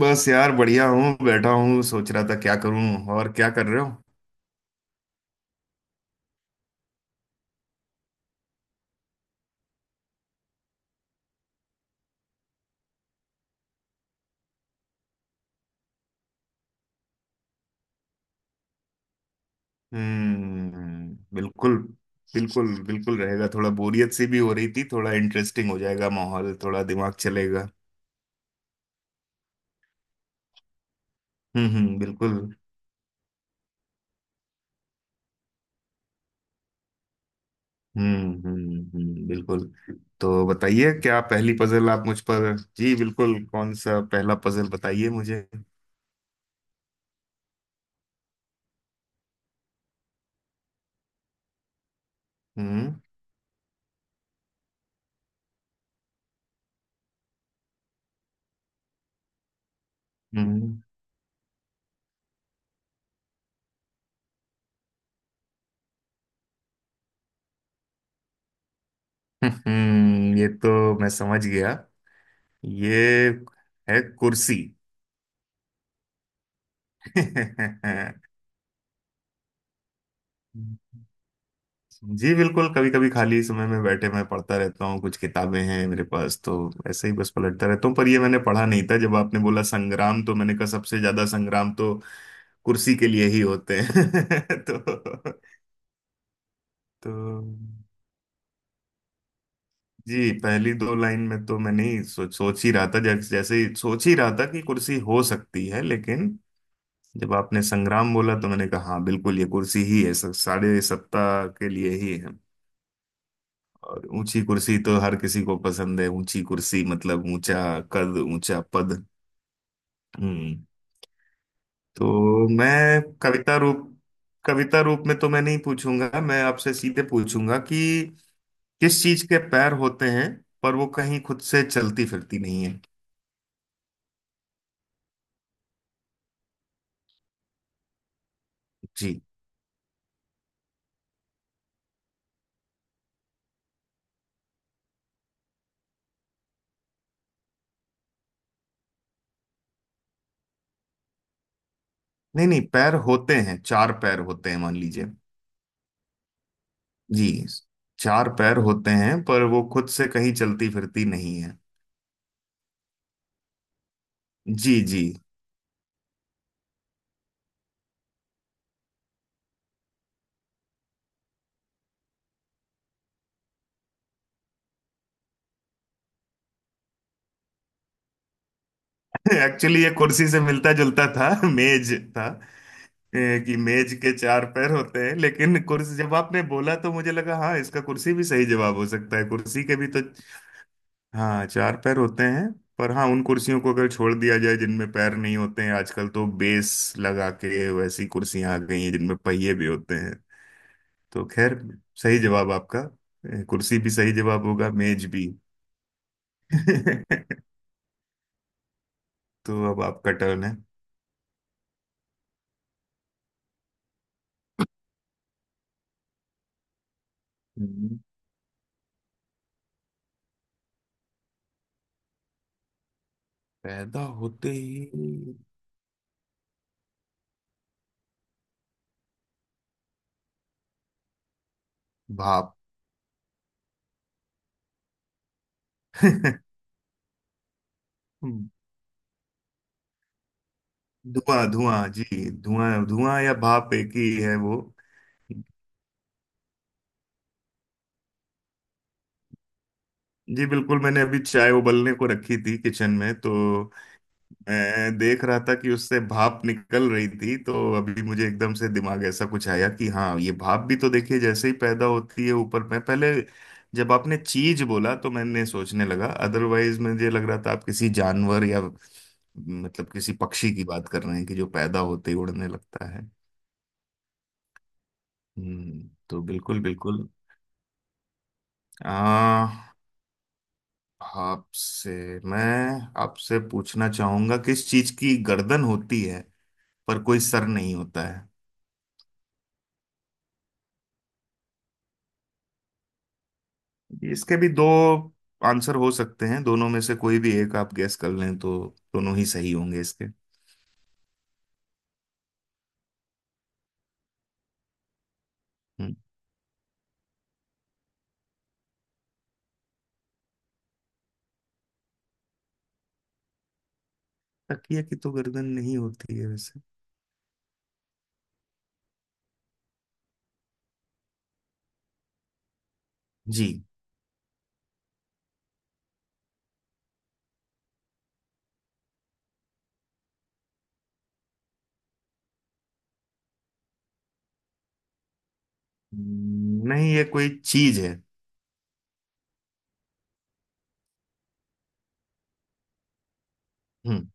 बस यार बढ़िया हूँ, बैठा हूँ सोच रहा था क्या करूँ। और क्या कर रहे हो? हम्म, बिल्कुल। बिल्कुल बिल्कुल रहेगा, थोड़ा बोरियत सी भी हो रही थी, थोड़ा इंटरेस्टिंग हो जाएगा माहौल, थोड़ा दिमाग चलेगा। हम्म, बिल्कुल। बिल्कुल। तो बताइए क्या पहली पजल आप मुझ पर। जी बिल्कुल, कौन सा पहला पजल बताइए मुझे। हम्म। हम्म। ये तो मैं समझ गया। ये है कुर्सी। जी बिल्कुल, कभी कभी खाली समय में बैठे मैं पढ़ता रहता हूँ, कुछ किताबें हैं मेरे पास तो ऐसे ही बस पलटता रहता हूँ, पर ये मैंने पढ़ा नहीं था। जब आपने बोला संग्राम तो मैंने कहा सबसे ज्यादा संग्राम तो कुर्सी के लिए ही होते हैं। तो तो जी, पहली दो लाइन में तो मैं नहीं सोच सोच ही रहा था, जैसे जैसे ही सोच ही रहा था कि कुर्सी हो सकती है, लेकिन जब आपने संग्राम बोला तो मैंने कहा हाँ बिल्कुल ये कुर्सी ही है। साढ़े सत्ता के लिए ही है। और ऊंची कुर्सी तो हर किसी को पसंद है, ऊंची कुर्सी मतलब ऊंचा कद, ऊंचा पद। हम्म। तो मैं कविता रूप, कविता रूप में तो मैं नहीं पूछूंगा, मैं आपसे सीधे पूछूंगा कि किस चीज के पैर होते हैं पर वो कहीं खुद से चलती फिरती नहीं है। जी। नहीं नहीं, पैर होते हैं, चार पैर होते हैं मान लीजिए। जी, चार पैर होते हैं पर वो खुद से कहीं चलती फिरती नहीं है। जी जी। एक्चुअली ये कुर्सी से मिलता जुलता था, मेज था। कि मेज के चार पैर होते हैं, लेकिन कुर्सी जब आपने बोला तो मुझे लगा हाँ, इसका कुर्सी भी सही जवाब हो सकता है, कुर्सी के भी तो हाँ चार पैर होते हैं। पर हाँ उन कुर्सियों को अगर छोड़ दिया जाए जिनमें पैर नहीं होते हैं, आजकल तो बेस लगा के वैसी कुर्सियां आ गई हैं जिनमें पहिए भी होते हैं। तो खैर, सही जवाब आपका, कुर्सी भी सही जवाब होगा, मेज भी। तो अब आपका टर्न। है, पैदा होते ही, भाप। धुआं धुआं जी, धुआं धुआं या भाप एक ही है वो। जी बिल्कुल, मैंने अभी चाय उबलने को रखी थी किचन में, तो मैं देख रहा था कि उससे भाप निकल रही थी, तो अभी मुझे एकदम से दिमाग ऐसा कुछ आया कि हाँ ये भाप भी तो देखिए जैसे ही पैदा होती है ऊपर में पहले। जब आपने चीज बोला तो मैंने सोचने लगा, अदरवाइज मुझे लग रहा था आप किसी जानवर या मतलब किसी पक्षी की बात कर रहे हैं कि जो पैदा होते ही उड़ने लगता है। हम्म, तो बिल्कुल बिल्कुल। आ आपसे मैं आपसे पूछना चाहूंगा, किस चीज की गर्दन होती है पर कोई सर नहीं होता है। इसके भी दो आंसर हो सकते हैं, दोनों में से कोई भी एक आप गैस कर लें तो दोनों ही सही होंगे इसके। हम्म। तकिया की तो गर्दन नहीं होती है वैसे। जी। नहीं ये कोई चीज है। हम्म।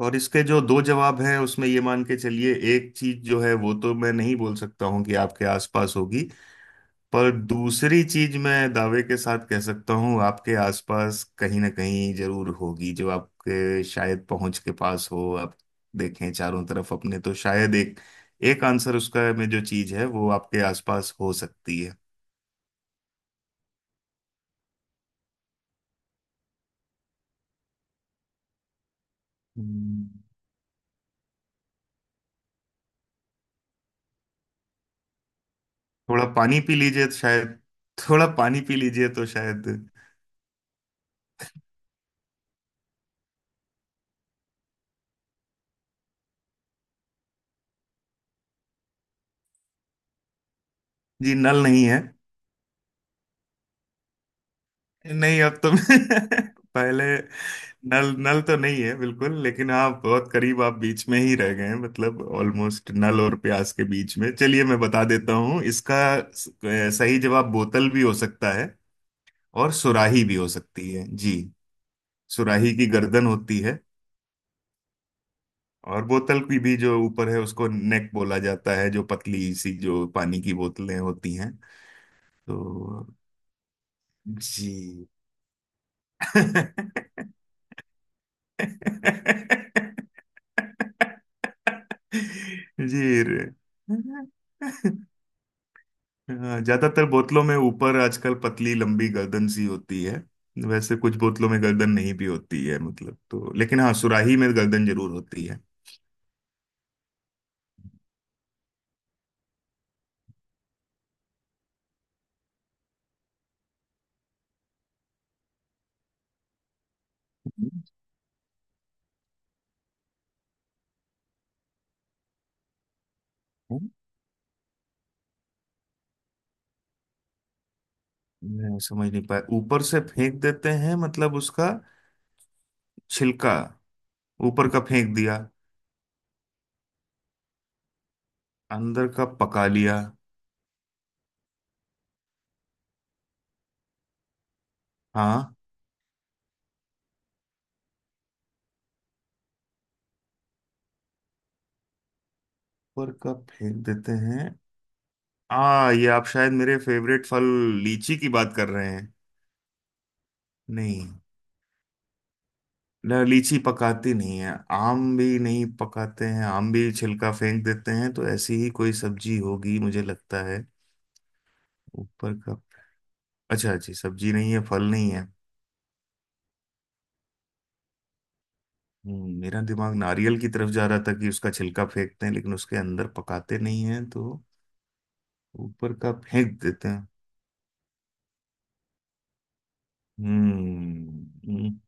और इसके जो दो जवाब हैं उसमें ये मान के चलिए, एक चीज जो है वो तो मैं नहीं बोल सकता हूं कि आपके आसपास होगी, पर दूसरी चीज मैं दावे के साथ कह सकता हूँ आपके आसपास कहीं ना कहीं जरूर होगी, जो आपके शायद पहुंच के पास हो। आप देखें चारों तरफ अपने, तो शायद एक, एक आंसर उसका में जो चीज है वो आपके आसपास हो सकती है। हम्म। थोड़ा पानी पी लीजिए तो शायद। थोड़ा पानी पी लीजिए तो शायद। जी, नल नहीं है। नहीं, अब तो पहले नल नल तो नहीं है बिल्कुल, लेकिन हाँ बहुत करीब, आप बीच में ही रह गए हैं। मतलब ऑलमोस्ट नल और प्यास के बीच में। चलिए मैं बता देता हूँ इसका सही जवाब, बोतल भी हो सकता है और सुराही भी हो सकती है जी। सुराही की गर्दन होती है। और बोतल की भी जो ऊपर है उसको नेक बोला जाता है, जो पतली सी जो पानी की बोतलें होती हैं। तो जी। जी रे। हाँ, ज्यादातर बोतलों में ऊपर आजकल पतली लंबी गर्दन सी होती है। वैसे कुछ बोतलों में गर्दन नहीं भी होती है मतलब, तो लेकिन हाँ सुराही में गर्दन जरूर होती है। हम्म, मैं समझ नहीं पाया ऊपर से फेंक देते हैं मतलब उसका। छिलका, ऊपर का फेंक दिया। अंदर का पका लिया। हाँ। ऊपर का फेंक देते हैं। आ, ये आप शायद मेरे फेवरेट फल लीची की बात कर रहे हैं। नहीं, लीची पकाती नहीं है। आम भी नहीं पकाते हैं, आम भी छिलका फेंक देते हैं, तो ऐसी ही कोई सब्जी होगी मुझे लगता है। ऊपर का। अच्छा जी, सब्जी नहीं है फल नहीं है। मेरा दिमाग नारियल की तरफ जा रहा था कि उसका छिलका फेंकते हैं लेकिन उसके अंदर पकाते नहीं हैं तो। ऊपर का फेंक देते हैं। हम्म हम्म,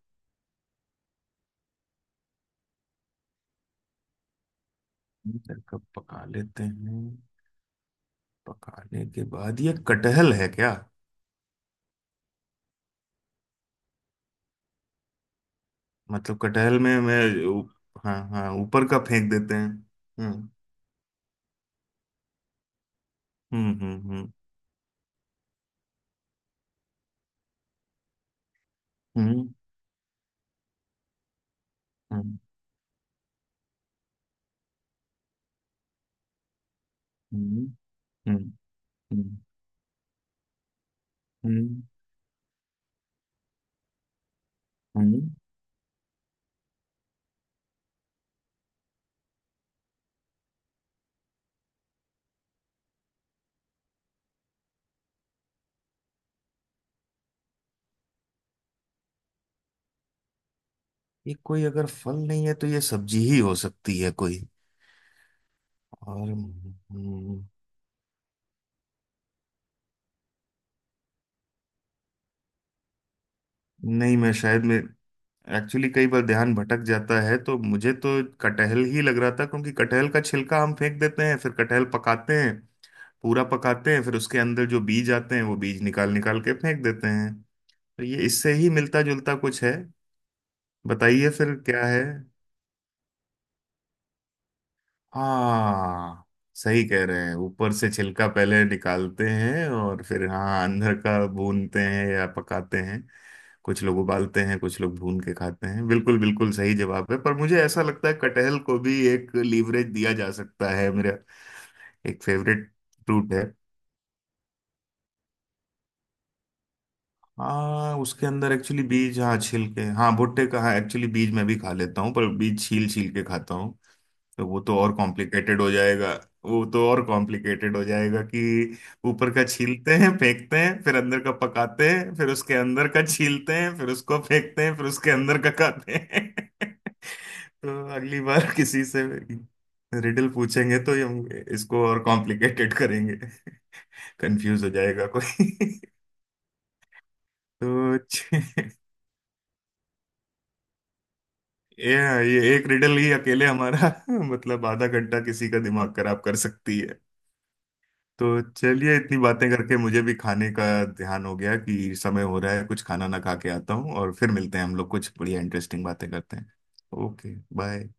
अंदर का पका लेते हैं, पकाने के बाद, ये कटहल है क्या? मतलब कटहल में मैं ऊ- हाँ हाँ, ऊपर का फेंक देते हैं। हम्म। हम्म। हम्म। हम्म। हम्म। हम्म। हम्म। हम्म। हम्म, हम्म। ये कोई अगर फल नहीं है तो ये सब्जी ही हो सकती है कोई। और नहीं, मैं शायद मैं एक्चुअली कई बार ध्यान भटक जाता है, तो मुझे तो कटहल ही लग रहा था, क्योंकि कटहल का छिलका हम फेंक देते हैं, फिर कटहल पकाते हैं, पूरा पकाते हैं, फिर उसके अंदर जो बीज आते हैं वो बीज निकाल निकाल के फेंक देते हैं, तो ये इससे ही मिलता जुलता कुछ है। बताइए फिर क्या है। हाँ, सही कह रहे हैं, ऊपर से छिलका पहले निकालते हैं और फिर हाँ अंदर का भूनते हैं या पकाते हैं। कुछ लोग उबालते हैं, कुछ लोग भून के खाते हैं, बिल्कुल बिल्कुल सही जवाब है। पर मुझे ऐसा लगता है कटहल को भी एक लीवरेज दिया जा सकता है, मेरा एक फेवरेट फ्रूट है। हाँ, उसके अंदर एक्चुअली बीज, हाँ छील के, हाँ भुट्टे का, हाँ एक्चुअली बीज मैं भी खा लेता हूँ पर बीज छील छील के खाता हूँ। तो वो तो और कॉम्प्लिकेटेड हो जाएगा। वो तो और कॉम्प्लिकेटेड हो जाएगा कि ऊपर का छीलते हैं फेंकते हैं, फिर अंदर का पकाते हैं, फिर उसके अंदर का छीलते हैं, फिर उसको फेंकते हैं, फिर उसके अंदर का खाते हैं। तो अगली बार किसी से रिडल पूछेंगे तो ये हम इसको और कॉम्प्लिकेटेड करेंगे। कंफ्यूज हो जाएगा कोई। तो ये ये एक रिडल ही अकेले हमारा, मतलब आधा घंटा किसी का दिमाग खराब कर सकती है। तो चलिए, इतनी बातें करके मुझे भी खाने का ध्यान हो गया कि समय हो रहा है, कुछ खाना ना खा के आता हूँ और फिर मिलते हैं हम लोग, कुछ बढ़िया इंटरेस्टिंग बातें करते हैं। Okay bye.